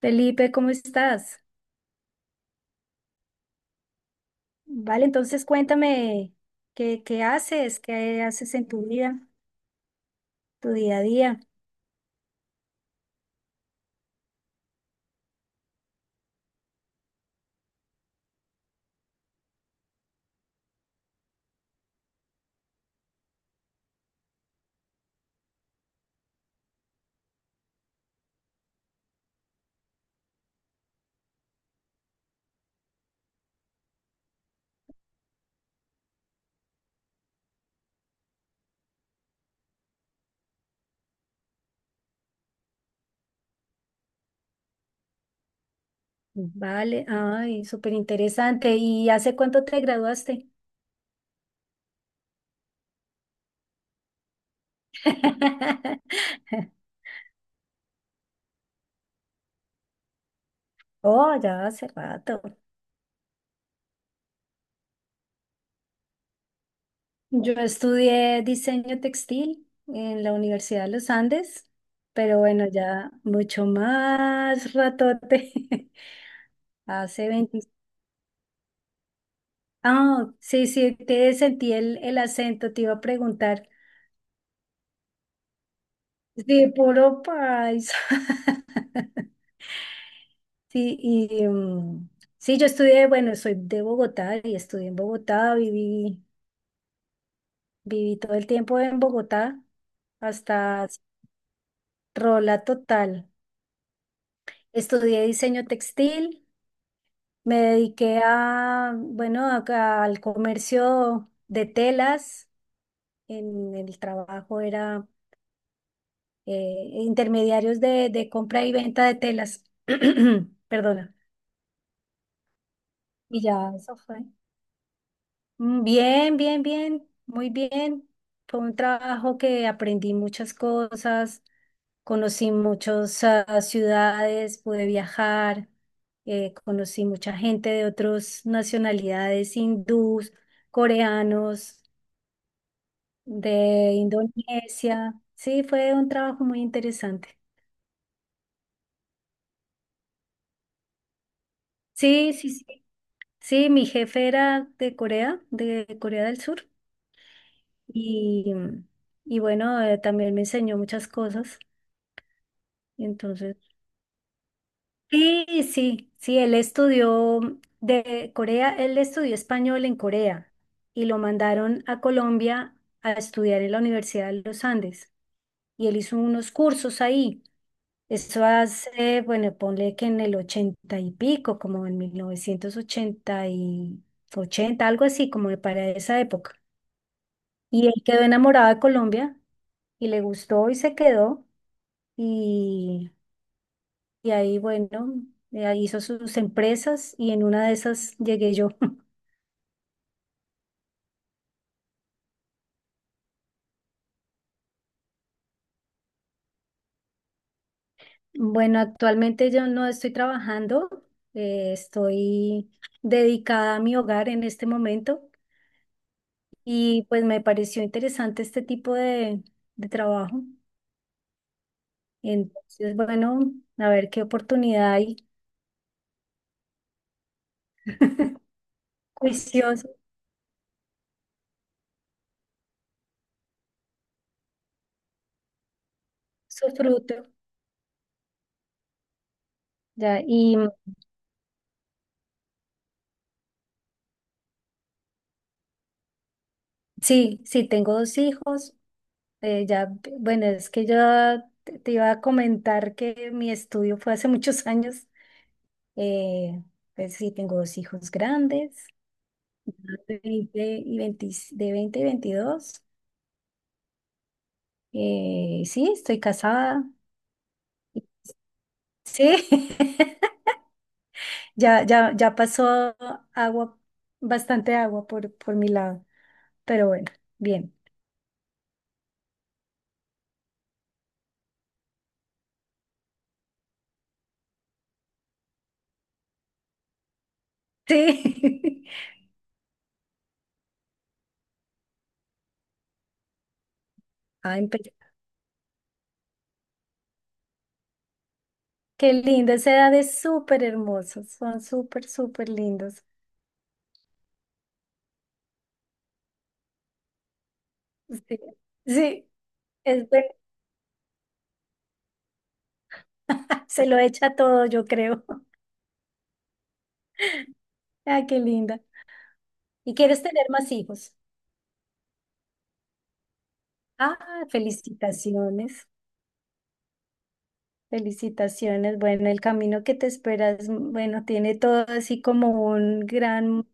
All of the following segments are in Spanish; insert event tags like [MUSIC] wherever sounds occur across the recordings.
Felipe, ¿cómo estás? Vale, entonces cuéntame qué haces en tu vida, tu día a día. Vale, ay, súper interesante. ¿Y hace cuánto te graduaste? [LAUGHS] Oh, ya hace rato. Yo estudié diseño textil en la Universidad de los Andes, pero bueno, ya mucho más ratote. [LAUGHS] Hace. Ah, sí, sí, te sentí el acento, te iba a preguntar. Sí, puro paisa. [LAUGHS] Sí, y sí, yo estudié, bueno, soy de Bogotá y estudié en Bogotá, viví todo el tiempo en Bogotá hasta rola total. Estudié diseño textil, me dediqué bueno, al comercio de telas. En el trabajo era intermediarios de compra y venta de telas. [CLEARS THROAT] Perdona. Y ya, eso fue. Mm, bien, bien, bien, muy bien. Fue un trabajo que aprendí muchas cosas, conocí muchas ciudades, pude viajar, conocí mucha gente de otras nacionalidades, hindús, coreanos, de Indonesia. Sí, fue un trabajo muy interesante. Sí, sí, sí. Sí, mi jefe era de Corea del Sur, y, y bueno, también me enseñó muchas cosas. Entonces, sí, sí, sí, él estudió de Corea, él estudió español en Corea y lo mandaron a Colombia a estudiar en la Universidad de los Andes y él hizo unos cursos ahí. Eso hace, bueno, ponle que en el ochenta y pico, como en 1980 y 80, algo así, como para esa época. Y él quedó enamorado de Colombia y le gustó y se quedó. Y, y ahí, bueno, ahí hizo sus empresas y en una de esas llegué yo. [LAUGHS] Bueno, actualmente yo no estoy trabajando, estoy dedicada a mi hogar en este momento y pues me pareció interesante este tipo de trabajo. Entonces, bueno, a ver qué oportunidad hay. [LAUGHS] Juicioso, su fruto. Ya, y sí, sí, tengo dos hijos. Ya, bueno, es que yo te iba a comentar que mi estudio fue hace muchos [LAUGHS] años. Eh, pues sí, tengo dos hijos grandes, 20 y 20 de 20 y veintidós. Sí, estoy casada. Sí, [LAUGHS] ya, ya, ya pasó agua, bastante agua por mi lado, pero bueno, bien. Sí. [LAUGHS] Ay, pero qué lindo, esa edad es súper hermosos, son súper, súper lindos. Sí. Sí, Es ver- [LAUGHS] se lo echa todo, yo creo. [LAUGHS] Ah, qué linda. ¿Y quieres tener más hijos? Ah, felicitaciones, felicitaciones. Bueno, el camino que te esperas, bueno, tiene todo así como un gran,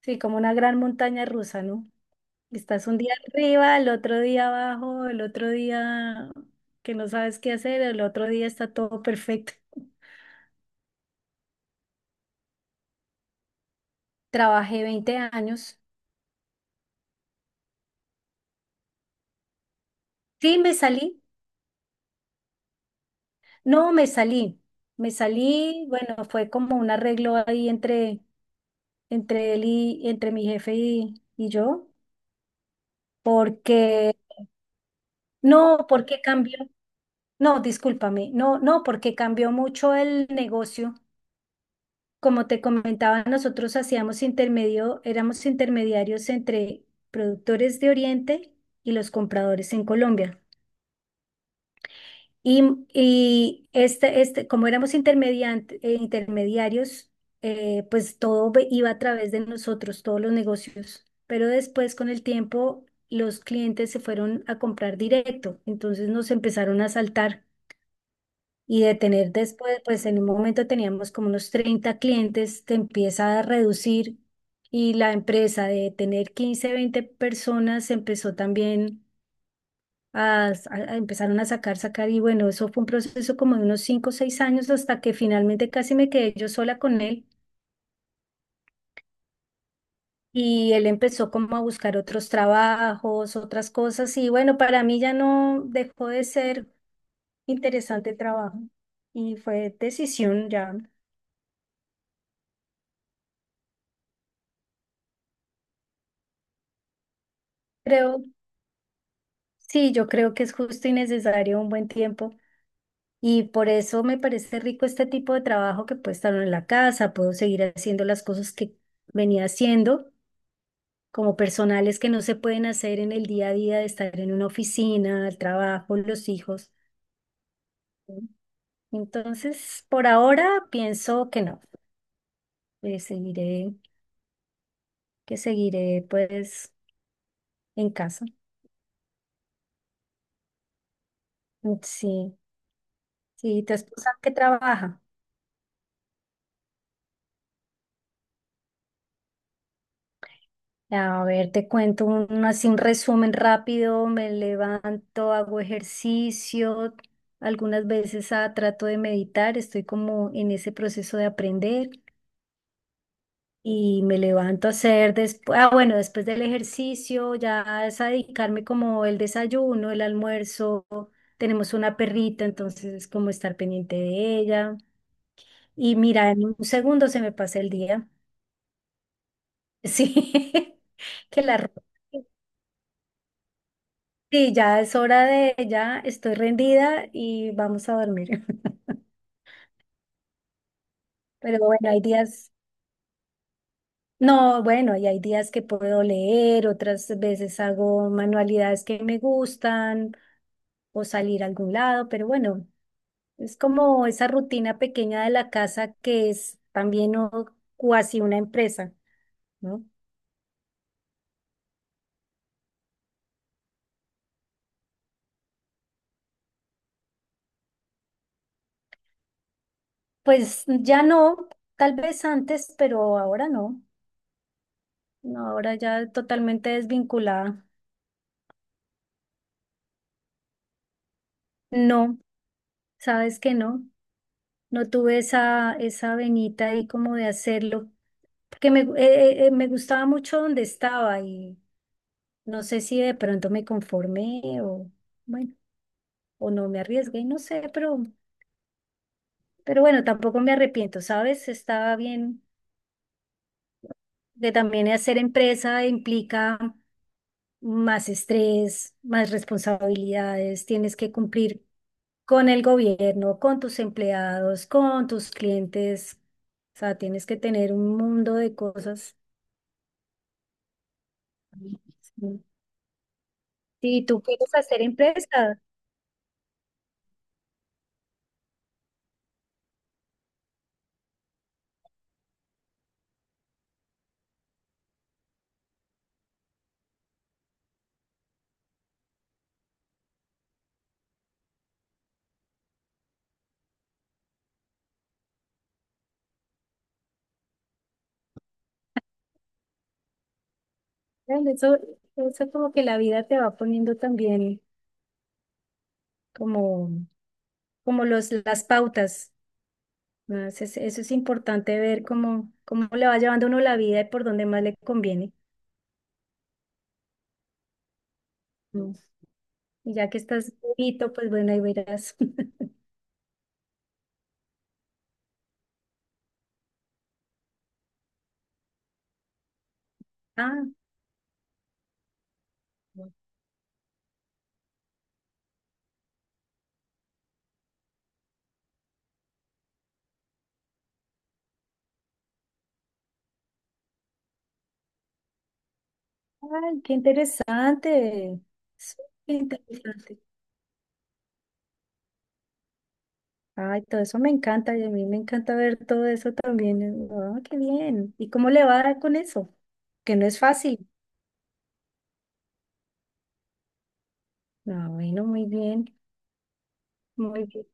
sí, como una gran montaña rusa, ¿no? Estás un día arriba, el otro día abajo, el otro día que no sabes qué hacer, el otro día está todo perfecto. [LAUGHS] Trabajé 20 años. Sí, me salí. No, me salí, bueno, fue como un arreglo ahí entre él y entre mi jefe y yo, porque, no, porque cambió, no, discúlpame, no, no, porque cambió mucho el negocio. Como te comentaba, nosotros hacíamos intermedio, éramos intermediarios entre productores de Oriente y los compradores en Colombia. Y, y este, este, como éramos intermediarios, pues todo iba a través de nosotros, todos los negocios. Pero después, con el tiempo, los clientes se fueron a comprar directo, entonces nos empezaron a saltar y de tener después, pues en un momento teníamos como unos 30 clientes, te empieza a reducir y la empresa de tener 15 20 personas empezó también a, a- empezaron a sacar, sacar, y bueno, eso fue un proceso como de unos 5 o 6 años hasta que finalmente casi me quedé yo sola con él y él empezó como a buscar otros trabajos, otras cosas, y bueno, para mí ya no dejó de ser interesante el trabajo y fue decisión ya. Creo, sí, yo creo que es justo y necesario un buen tiempo. Y por eso me parece rico este tipo de trabajo que puedo estar en la casa, puedo seguir haciendo las cosas que venía haciendo como personales que no se pueden hacer en el día a día de estar en una oficina, el trabajo, los hijos. Entonces, por ahora pienso que no, que seguiré, que seguiré pues en casa. Sí, sí, tu esposa que trabaja. A ver, te cuento así un resumen rápido, me levanto, hago ejercicio, algunas veces trato de meditar, estoy como en ese proceso de aprender. Y me levanto a hacer después, bueno, después del ejercicio, ya es a dedicarme como el desayuno, el almuerzo. Tenemos una perrita, entonces es como estar pendiente de ella. Y mira, en un segundo se me pasa el día. [LAUGHS] Sí, que la ropa. Sí, ya es hora de, ya estoy rendida y vamos a dormir. [LAUGHS] Pero bueno, hay días, no, bueno, y hay días que puedo leer, otras veces hago manualidades que me gustan, o salir a algún lado, pero bueno, es como esa rutina pequeña de la casa que es también cuasi una empresa, ¿no? Pues ya no, tal vez antes, pero ahora no, no, ahora ya totalmente desvinculada. No, sabes que no, no tuve esa, esa venita ahí como de hacerlo, porque me gustaba mucho donde estaba y no sé si de pronto me conformé o, bueno, o no me arriesgué, no sé, pero... Pero bueno, tampoco me arrepiento, ¿sabes? Estaba bien de también hacer empresa implica más estrés, más responsabilidades, tienes que cumplir con el gobierno, con tus empleados, con tus clientes. O sea, tienes que tener un mundo de cosas. Sí. Si tú quieres hacer empresa, ¿vale? Eso como que la vida te va poniendo también como, como las pautas. Ah, eso es importante ver cómo le va llevando uno la vida y por dónde más le conviene. Mm. Y ya que estás bonito, pues bueno, ahí verás. [LAUGHS] Ah, ay, qué interesante. Sí, qué interesante. Ay, todo eso me encanta y a mí me encanta ver todo eso también. Ah, qué bien. ¿Y cómo le va con eso? Que no es fácil. Ah, bueno, muy bien, muy bien.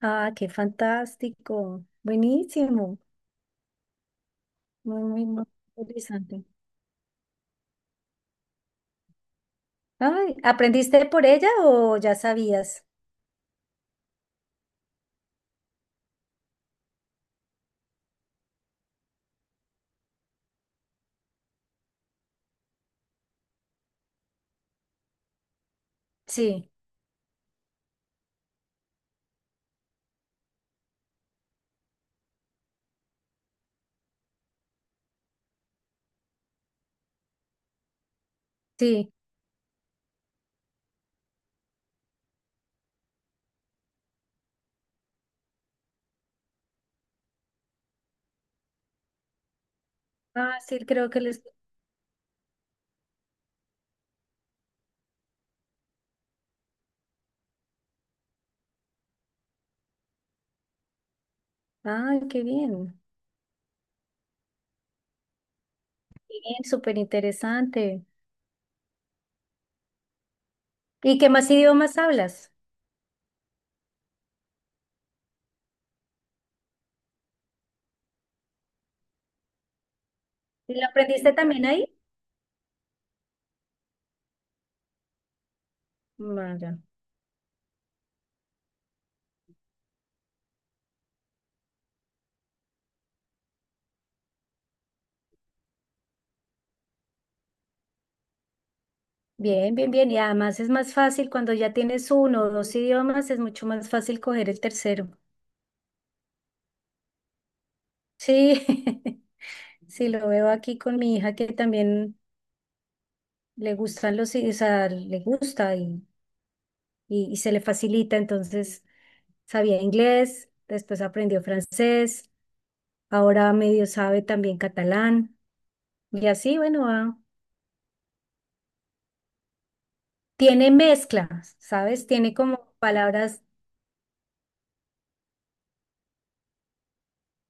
Ah, qué fantástico. Buenísimo. Muy, muy, muy interesante. Ay, ¿aprendiste por ella o ya sabías? Sí, sí. Ah, sí, creo que les... Ah, qué bien. Qué bien, súper interesante. ¿Y qué más idiomas hablas? ¿Y lo aprendiste también ahí? Ah, ya. Bien, bien, bien. Y además es más fácil cuando ya tienes uno o dos idiomas, es mucho más fácil coger el tercero. Sí, [LAUGHS] sí, lo veo aquí con mi hija que también le gustan o sea, le gusta y se le facilita, entonces... Sabía inglés, después aprendió francés, ahora medio sabe también catalán y así, bueno, va. Tiene mezcla, ¿sabes? Tiene como palabras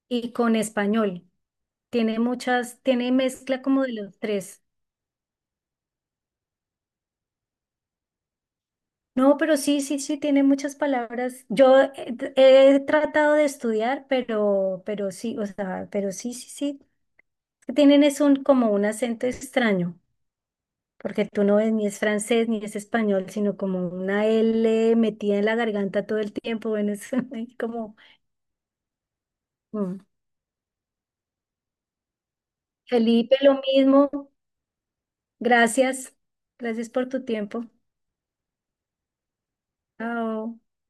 y con español. Tiene muchas, tiene mezcla como de los tres. No, pero sí, sí, sí, tiene muchas palabras. Yo he tratado de estudiar, pero sí, o sea, pero sí, sí, sí. Tienen es como un acento extraño. Porque tú no ves ni es francés ni es español, sino como una L metida en la garganta todo el tiempo. Bueno, es [LAUGHS] ahí como mm. Felipe, lo mismo. Gracias. Gracias por tu tiempo. Chao.